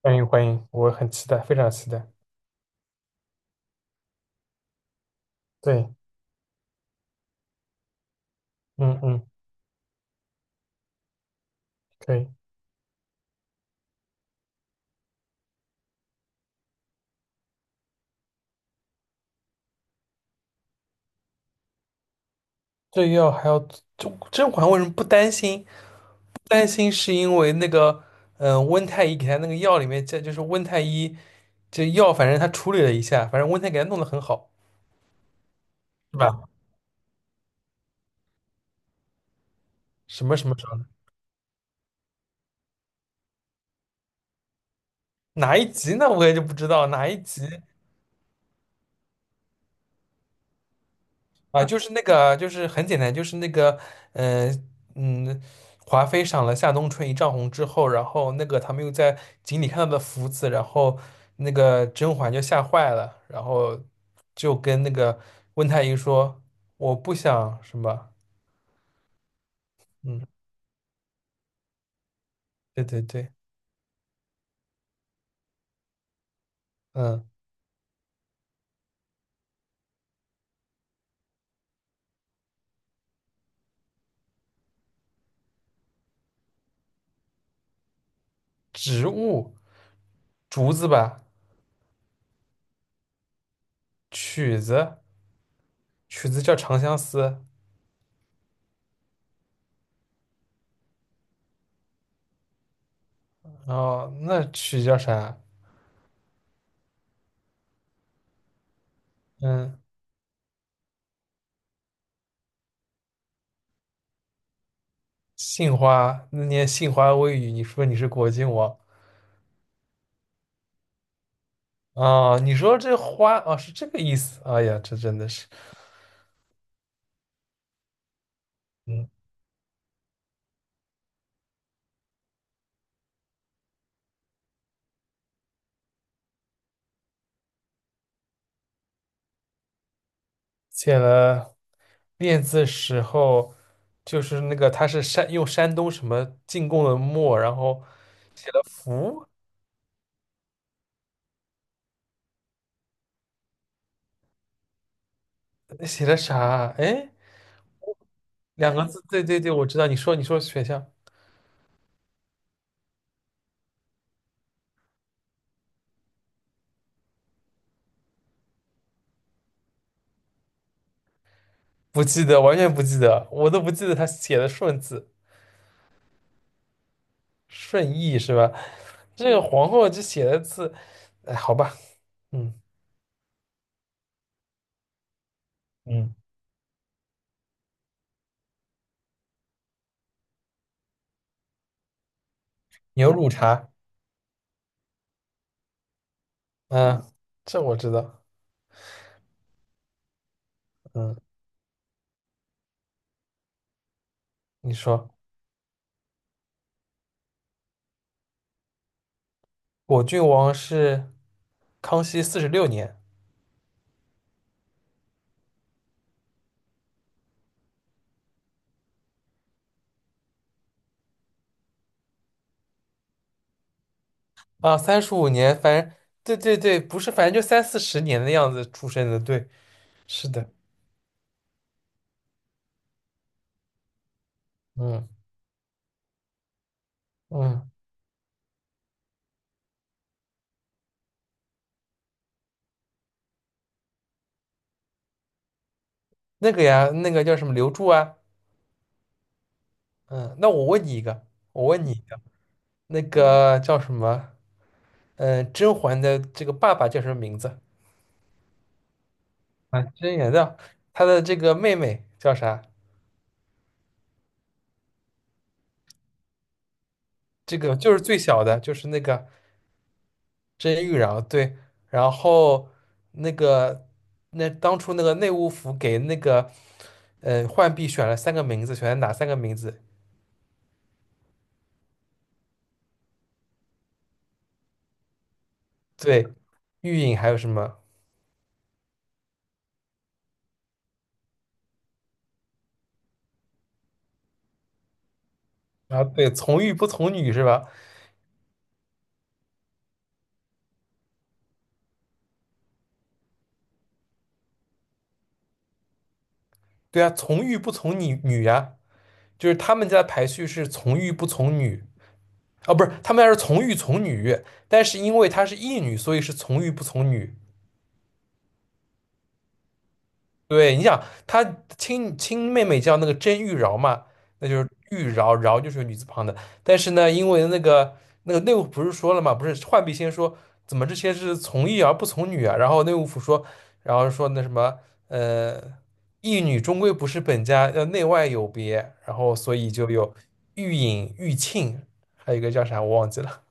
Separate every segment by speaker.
Speaker 1: 欢迎欢迎，我很期待，非常期待。对，嗯嗯，可以。这药还要甄嬛为什么不担心？不担心是因为那个，温太医给他那个药里面加，这就是温太医这药，反正他处理了一下，反正温太医给他弄得很好，是吧？什么什么什么，哪一集呢？我也就不知道哪一集。啊，就是那个啊就是很简单，就是那个，嗯嗯，华妃赏了夏冬春一丈红之后，然后那个他们又在井里看到的福子，然后那个甄嬛就吓坏了，然后就跟那个温太医说："我不想什么，嗯，对对对，嗯，植物，竹子吧，曲子，曲子叫长相思，然后那曲叫啥？嗯，杏花，那年杏花微雨，你说你是果郡王。"啊，你说这花啊，是这个意思。哎呀，这真的是，嗯，写了练字时候，就是那个他是山用山东什么进贡的墨，然后写了福，写了啥？哎，两个字，对对对，我知道。你说你说选项不记得，完全不记得，我都不记得他写的顺字顺义是吧？这个皇后这写的字，哎，好吧，嗯嗯，牛乳茶，嗯，这我知道，嗯，你说。果郡王是康熙46年啊，35年，反正对对对，不是，反正就三四十年的样子出生的，对，是的，嗯嗯，那个呀，那个叫什么刘柱啊，嗯，那我问你一个，我问你一个，那个叫什么，嗯，甄嬛的这个爸爸叫什么名字啊？甄嬛的，她的这个妹妹叫啥？这个就是最小的，就是那个。这些玉娆对，然后那个那当初那个内务府给那个浣碧选了三个名字，选了哪三个名字？对，玉隐还有什么？啊？对，从玉不从女是吧？对啊，从玉不从女女呀、就是他们家的排序是从玉不从女啊，不是他们家是从玉从女，但是因为她是义女，所以是从玉不从女。对，你想她亲亲妹妹叫那个甄玉娆嘛，那就是玉娆，娆就是女字旁的。但是呢，因为那个那个内务府不是说了嘛，不是浣碧先说怎么这些是从义而不从女啊？然后内务府说，然后说那什么，呃，义女终归不是本家，要内外有别。然后所以就有玉隐、玉罄，还有一个叫啥我忘记了。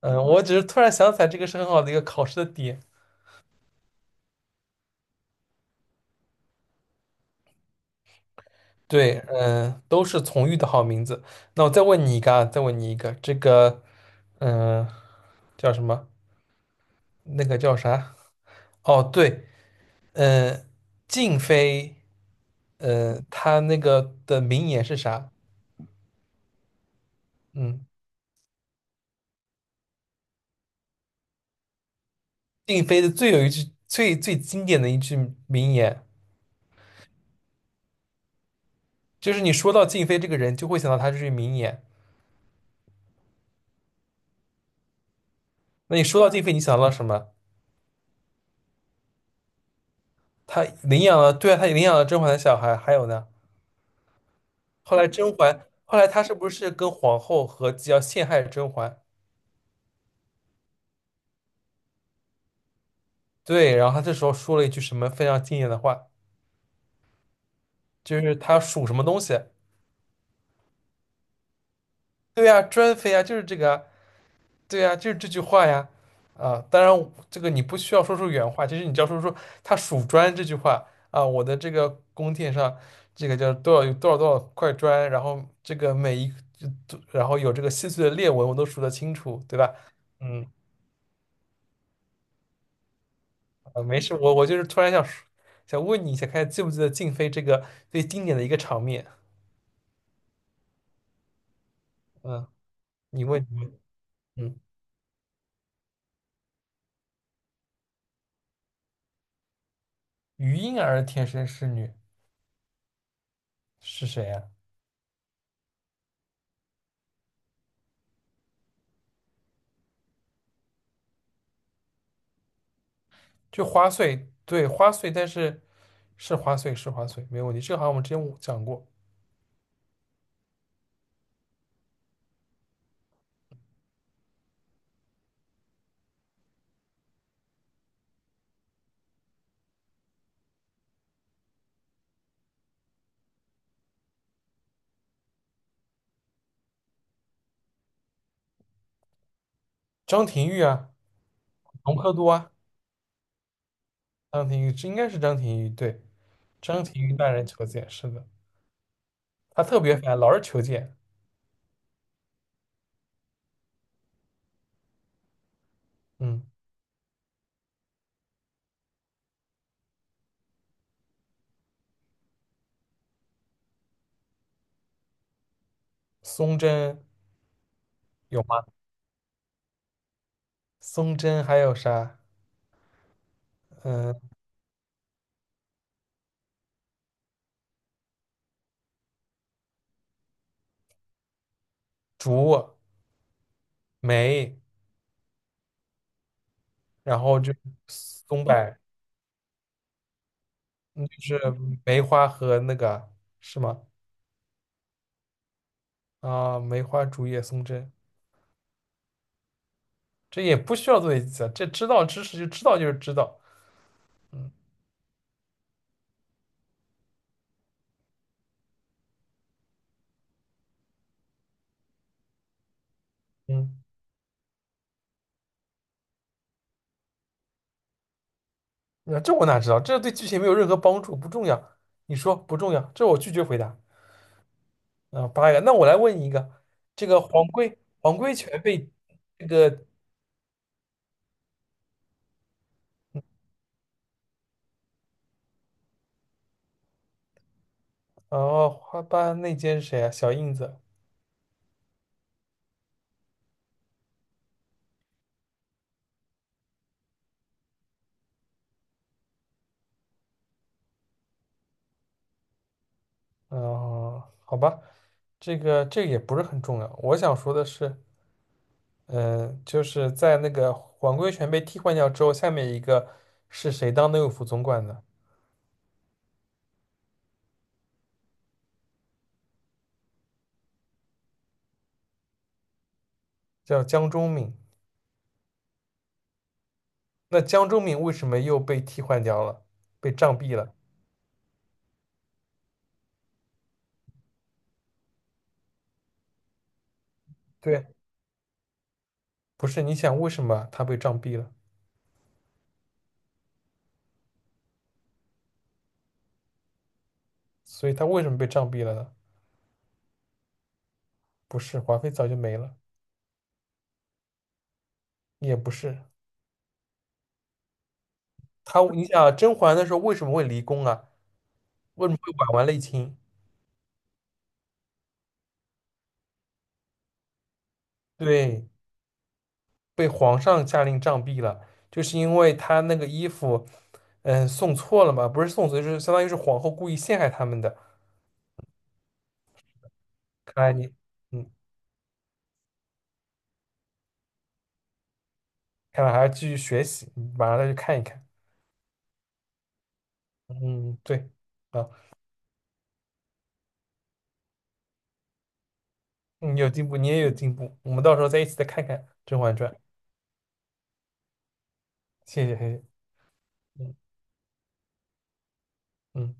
Speaker 1: 嗯，我只是突然想起来，这个是很好的一个考试的点。对，都是从玉的好名字。那我再问你一个啊，再问你一个，这个，嗯、叫什么？那个叫啥？哦，对，嗯、静妃，她那个的名言是啥？嗯，静妃的最有一句最最经典的一句名言，就是你说到静妃这个人，就会想到她这句名言。那你说到静妃，你想到了什么？她领养了，对啊，她领养了甄嬛的小孩，还有呢？后来甄嬛，后来她是不是跟皇后合计要陷害甄嬛？对，然后她这时候说了一句什么非常经典的话，就是她属什么东西？对呀，专妃啊，就是这个啊，对呀，就是这句话呀。啊，当然这个你不需要说出原话，其实你只要说出她数砖这句话啊，我的这个宫殿上这个叫多少有多少多少块砖，然后这个每一就然后有这个细碎的裂纹，我都数得清楚，对吧？嗯。没事，我就是突然想说想问你一下，看记不记得静妃这个最经典的一个场面？嗯，你问你问，嗯，余莺儿天生是女是谁啊？就花穗，对，花穗，但是是花穗是花穗，没问题。这个好像我们之前讲过，张廷玉啊，隆科多啊，张廷玉，这应该是张廷玉，对，张廷玉大人求见，是的，他特别烦，老是求见。嗯，松针有吗？松针还有啥？嗯，竹梅。然后就松柏就是梅花和那个是吗？啊，梅花竹叶松针，这也不需要做笔记啊，这知道知识就知道就是知道，嗯嗯，那这我哪知道？这对剧情没有任何帮助，不重要。你说不重要，这我拒绝回答。啊，8个，那我来问你一个，这个黄龟全被这个哦花瓣内奸是谁啊？小印子。嗯，好吧，这个也不是很重要。我想说的是。嗯，就是在那个皇贵全被替换掉之后，下面一个是谁当内务府总管的？叫江忠敏。那江忠敏为什么又被替换掉了？被杖毙了？对，不是，你想为什么他被杖毙了？所以他为什么被杖毙了呢？不是，华妃早就没了，也不是他。你想啊甄嬛的时候为什么会离宫啊？为什么会婉婉内亲？对，被皇上下令杖毙了，就是因为他那个衣服，嗯，送错了嘛，不是送错，就是相当于是皇后故意陷害他们的。看来你，嗯，看来还要继续学习，你马上再去看一看。嗯，对，啊，你有进步，你也有进步，我们到时候再一起再看看《甄嬛传》。谢谢，谢谢，嗯嗯。